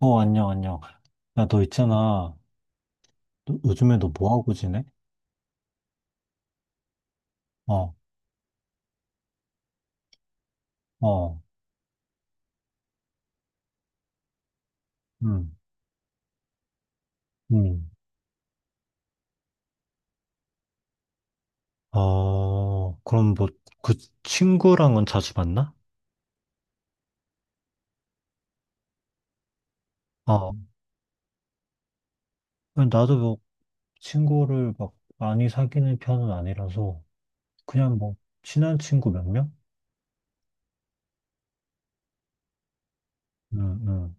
어, 안녕, 안녕. 야, 너 있잖아. 너, 요즘에 너 뭐 하고 지내? 어, 어, 음, 음. 어, 그럼 뭐, 그 친구랑은 자주 만나? 어, 나도 뭐, 친구를 막 많이 사귀는 편은 아니라서, 그냥 뭐, 친한 친구 몇 명? 응, 응.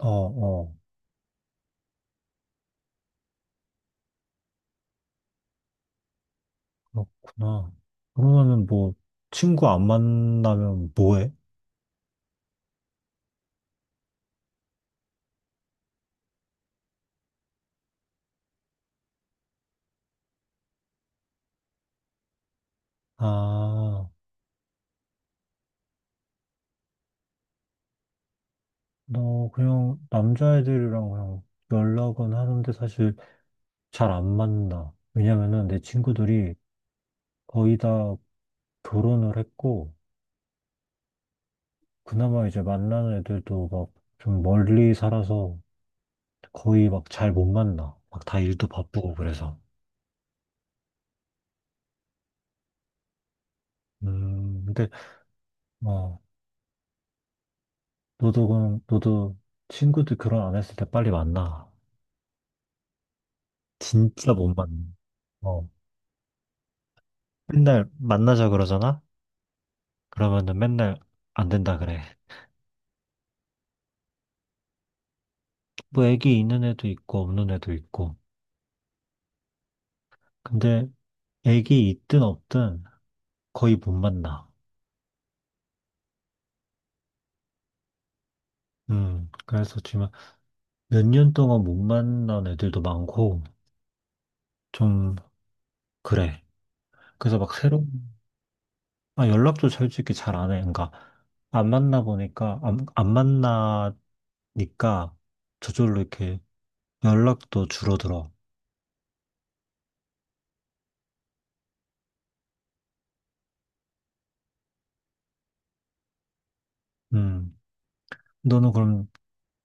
어, 어, 그렇구나. 그러면은 뭐, 친구 안 만나면 뭐 해? 아, 너 그냥 남자애들이랑 그냥 연락은 하는데 사실 잘 안 만나. 왜냐면은 내 친구들이 거의 다 결혼을 했고, 그나마 이제 만나는 애들도 막 좀 멀리 살아서 거의 막 잘 못 만나. 막 다 일도 바쁘고 그래서. 근데, 어, 너도, 너도 친구들 결혼 안 했을 때 빨리 만나. 진짜 못 만나. 어, 맨날 만나자 그러잖아? 그러면은 맨날 안 된다 그래. 뭐 애기 있는 애도 있고 없는 애도 있고. 근데 애기 있든 없든 거의 못 만나. 그래서 지금 몇 년 동안 못 만난 애들도 많고, 좀, 그래. 그래서 막 새로운, 아, 연락도 솔직히 잘 안 해. 그러니까, 안 만나 보니까, 안 만나니까, 저절로 이렇게 연락도 줄어들어. 음, 너는 그럼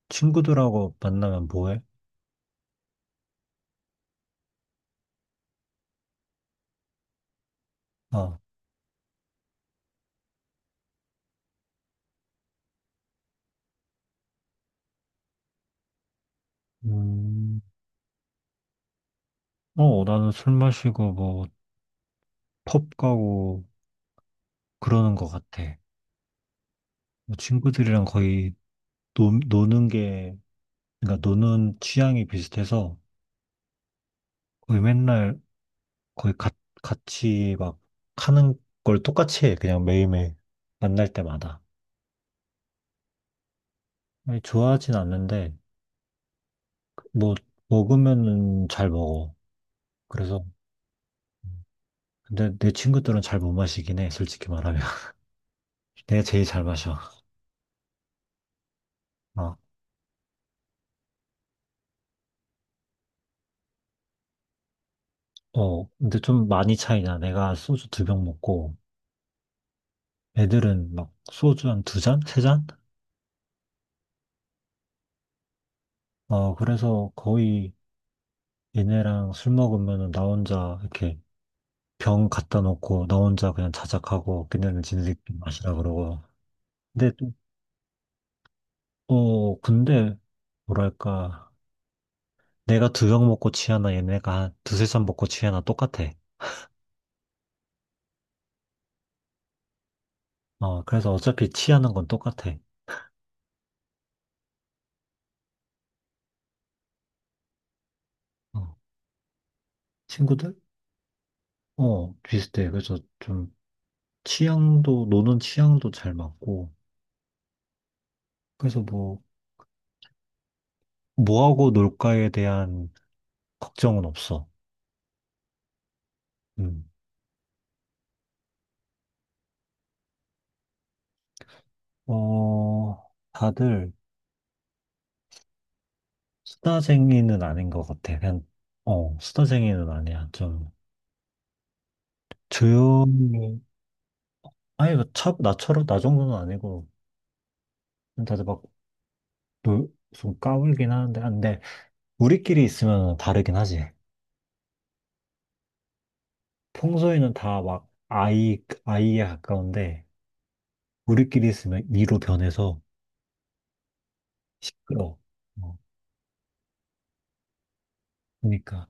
친구들하고 만나면 뭐 해? 아, 음, 어, 나는 술 마시고, 뭐, 펍 가고, 그러는 것 같아. 뭐 친구들이랑 거의, 노는 게 그러니까 노는 취향이 비슷해서 거의 맨날 거의 가- 같이 막 하는 걸 똑같이 해. 그냥 매일매일 만날 때마다. 아니, 좋아하진 않는데 뭐 먹으면은 잘 먹어. 그래서 근데 내 친구들은 잘 못 마시긴 해. 솔직히 말하면 내가 제일 잘 마셔. 아, 어, 근데 좀 많이 차이나. 내가 소주 2병 먹고 애들은 막 소주 한 두 잔, 세 잔? 어, 그래서 거의 얘네랑 술 먹으면은 나 혼자 이렇게 병 갖다 놓고 나 혼자 그냥 자작하고 걔네는 지네들끼리 마시라 그러고 근데 또 어, 근데 뭐랄까 내가 2병 먹고 취하나 얘네가 한 두세 잔 먹고 취하나 똑같아. 어, 그래서 어차피 취하는 건 똑같아. 어, 친구들? 어, 비슷해. 그래서 좀 취향도 노는 취향도 잘 맞고 그래서 뭐 뭐하고 놀까에 대한 걱정은 없어. 음. 어, 다들 수다쟁이는 아닌 것 같아. 그냥, 어, 수다쟁이는 아니야. 좀, 조용히, 아니, 나처럼, 나 정도는 아니고, 다들 막, 좀 까불긴 하는데, 아, 근데, 우리끼리 있으면 다르긴 하지. 평소에는 다 막, 아이에 가까운데, 우리끼리 있으면 이로 변해서 시끄러워. 어, 그러니까,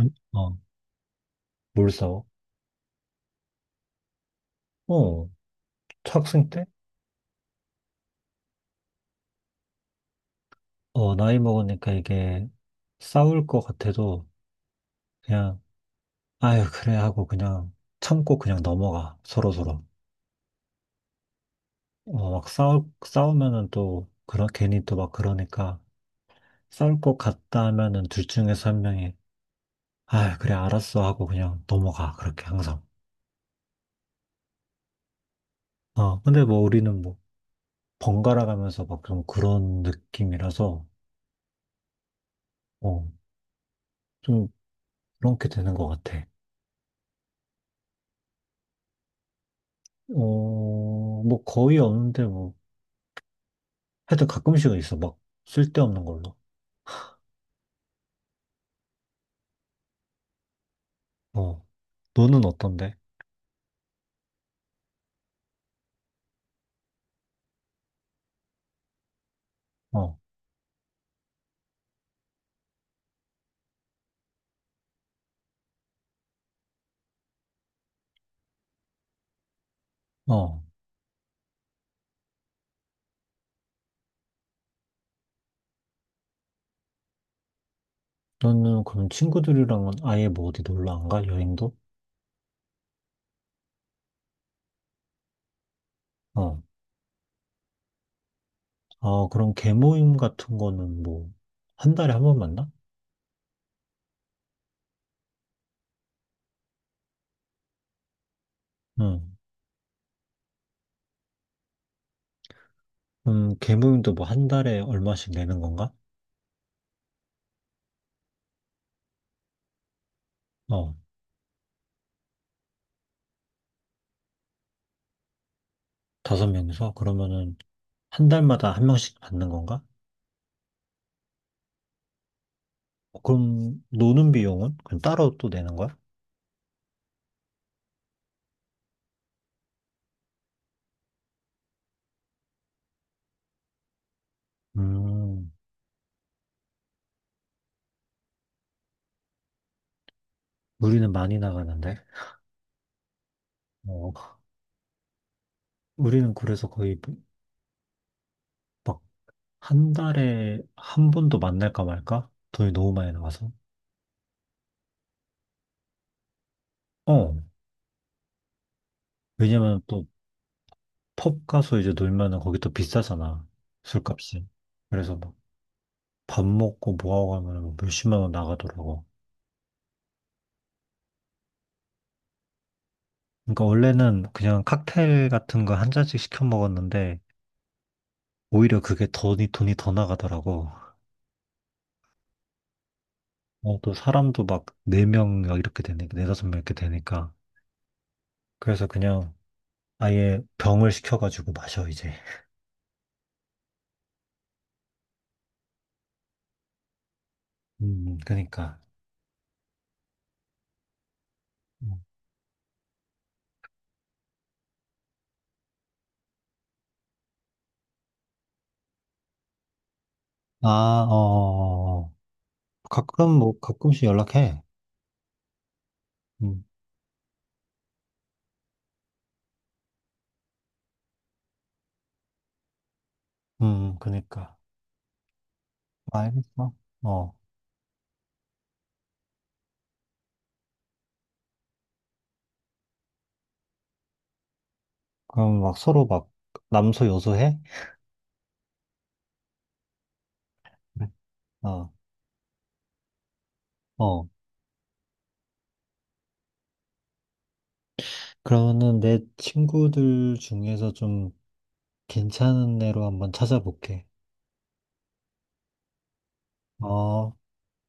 음, 어, 뭘 싸워? 어, 학생 때? 어, 나이 먹으니까 이게 싸울 것 같아도, 그냥 아유, 그래 하고 그냥 참고 그냥 넘어가. 서로서로. 어, 막 싸우면은 또, 그런, 괜히 또 막 그러니까, 싸울 것 같다 하면은 둘 중에서 한 명이, 아유, 그래, 알았어 하고 그냥 넘어가. 그렇게 항상. 어, 근데 뭐 우리는 뭐, 번갈아 가면서 막 좀 그런 느낌이라서, 어, 좀 그렇게 되는 것 같아. 어, 뭐 거의 없는데 뭐, 하여튼 가끔씩은 있어. 막, 쓸데없는 걸로. 어, 너는 어떤데? 어, 어. 너는 그럼 친구들이랑은 아예 뭐 어디 놀러 안 가? 여행도? 어. 아, 그럼 개모임 같은 거는 뭐, 한 달에 한 번 만나? 응. 개모임도 뭐 한 달에 얼마씩 내는 건가? 어. 다섯 명이서? 그러면은 한 달마다 한 명씩 받는 건가? 어, 그럼 노는 비용은? 그럼 따로 또 내는 거야? 음, 우리는 많이 나가는데. 어, 우리는 그래서 거의 막 한 달에 한 번도 만날까 말까? 돈이 너무 많이 나가서. 어, 왜냐면 또 펍 가서 이제 놀면은 거기 또 비싸잖아. 술값이. 그래서 막 밥 먹고 뭐하고 하면은 뭐 몇십만 원 나가더라고. 그러니까 원래는 그냥 칵테일 같은 거 한 잔씩 시켜 먹었는데 오히려 그게 돈이 더 나가더라고. 어, 또 사람도 막 4명 이렇게 되니까, 4~5명 이렇게 되니까. 그래서 그냥 아예 병을 시켜가지고 마셔, 이제. 그니까. 아, 어, 어, 어. 어. 가끔 뭐 가끔씩 연락해. 음, 그니까. 알겠어. 어. 그럼 막 서로 막 남소 여소해? 어, 어. 그러면은 내 친구들 중에서 좀 괜찮은 애로 한번 찾아볼게. 어.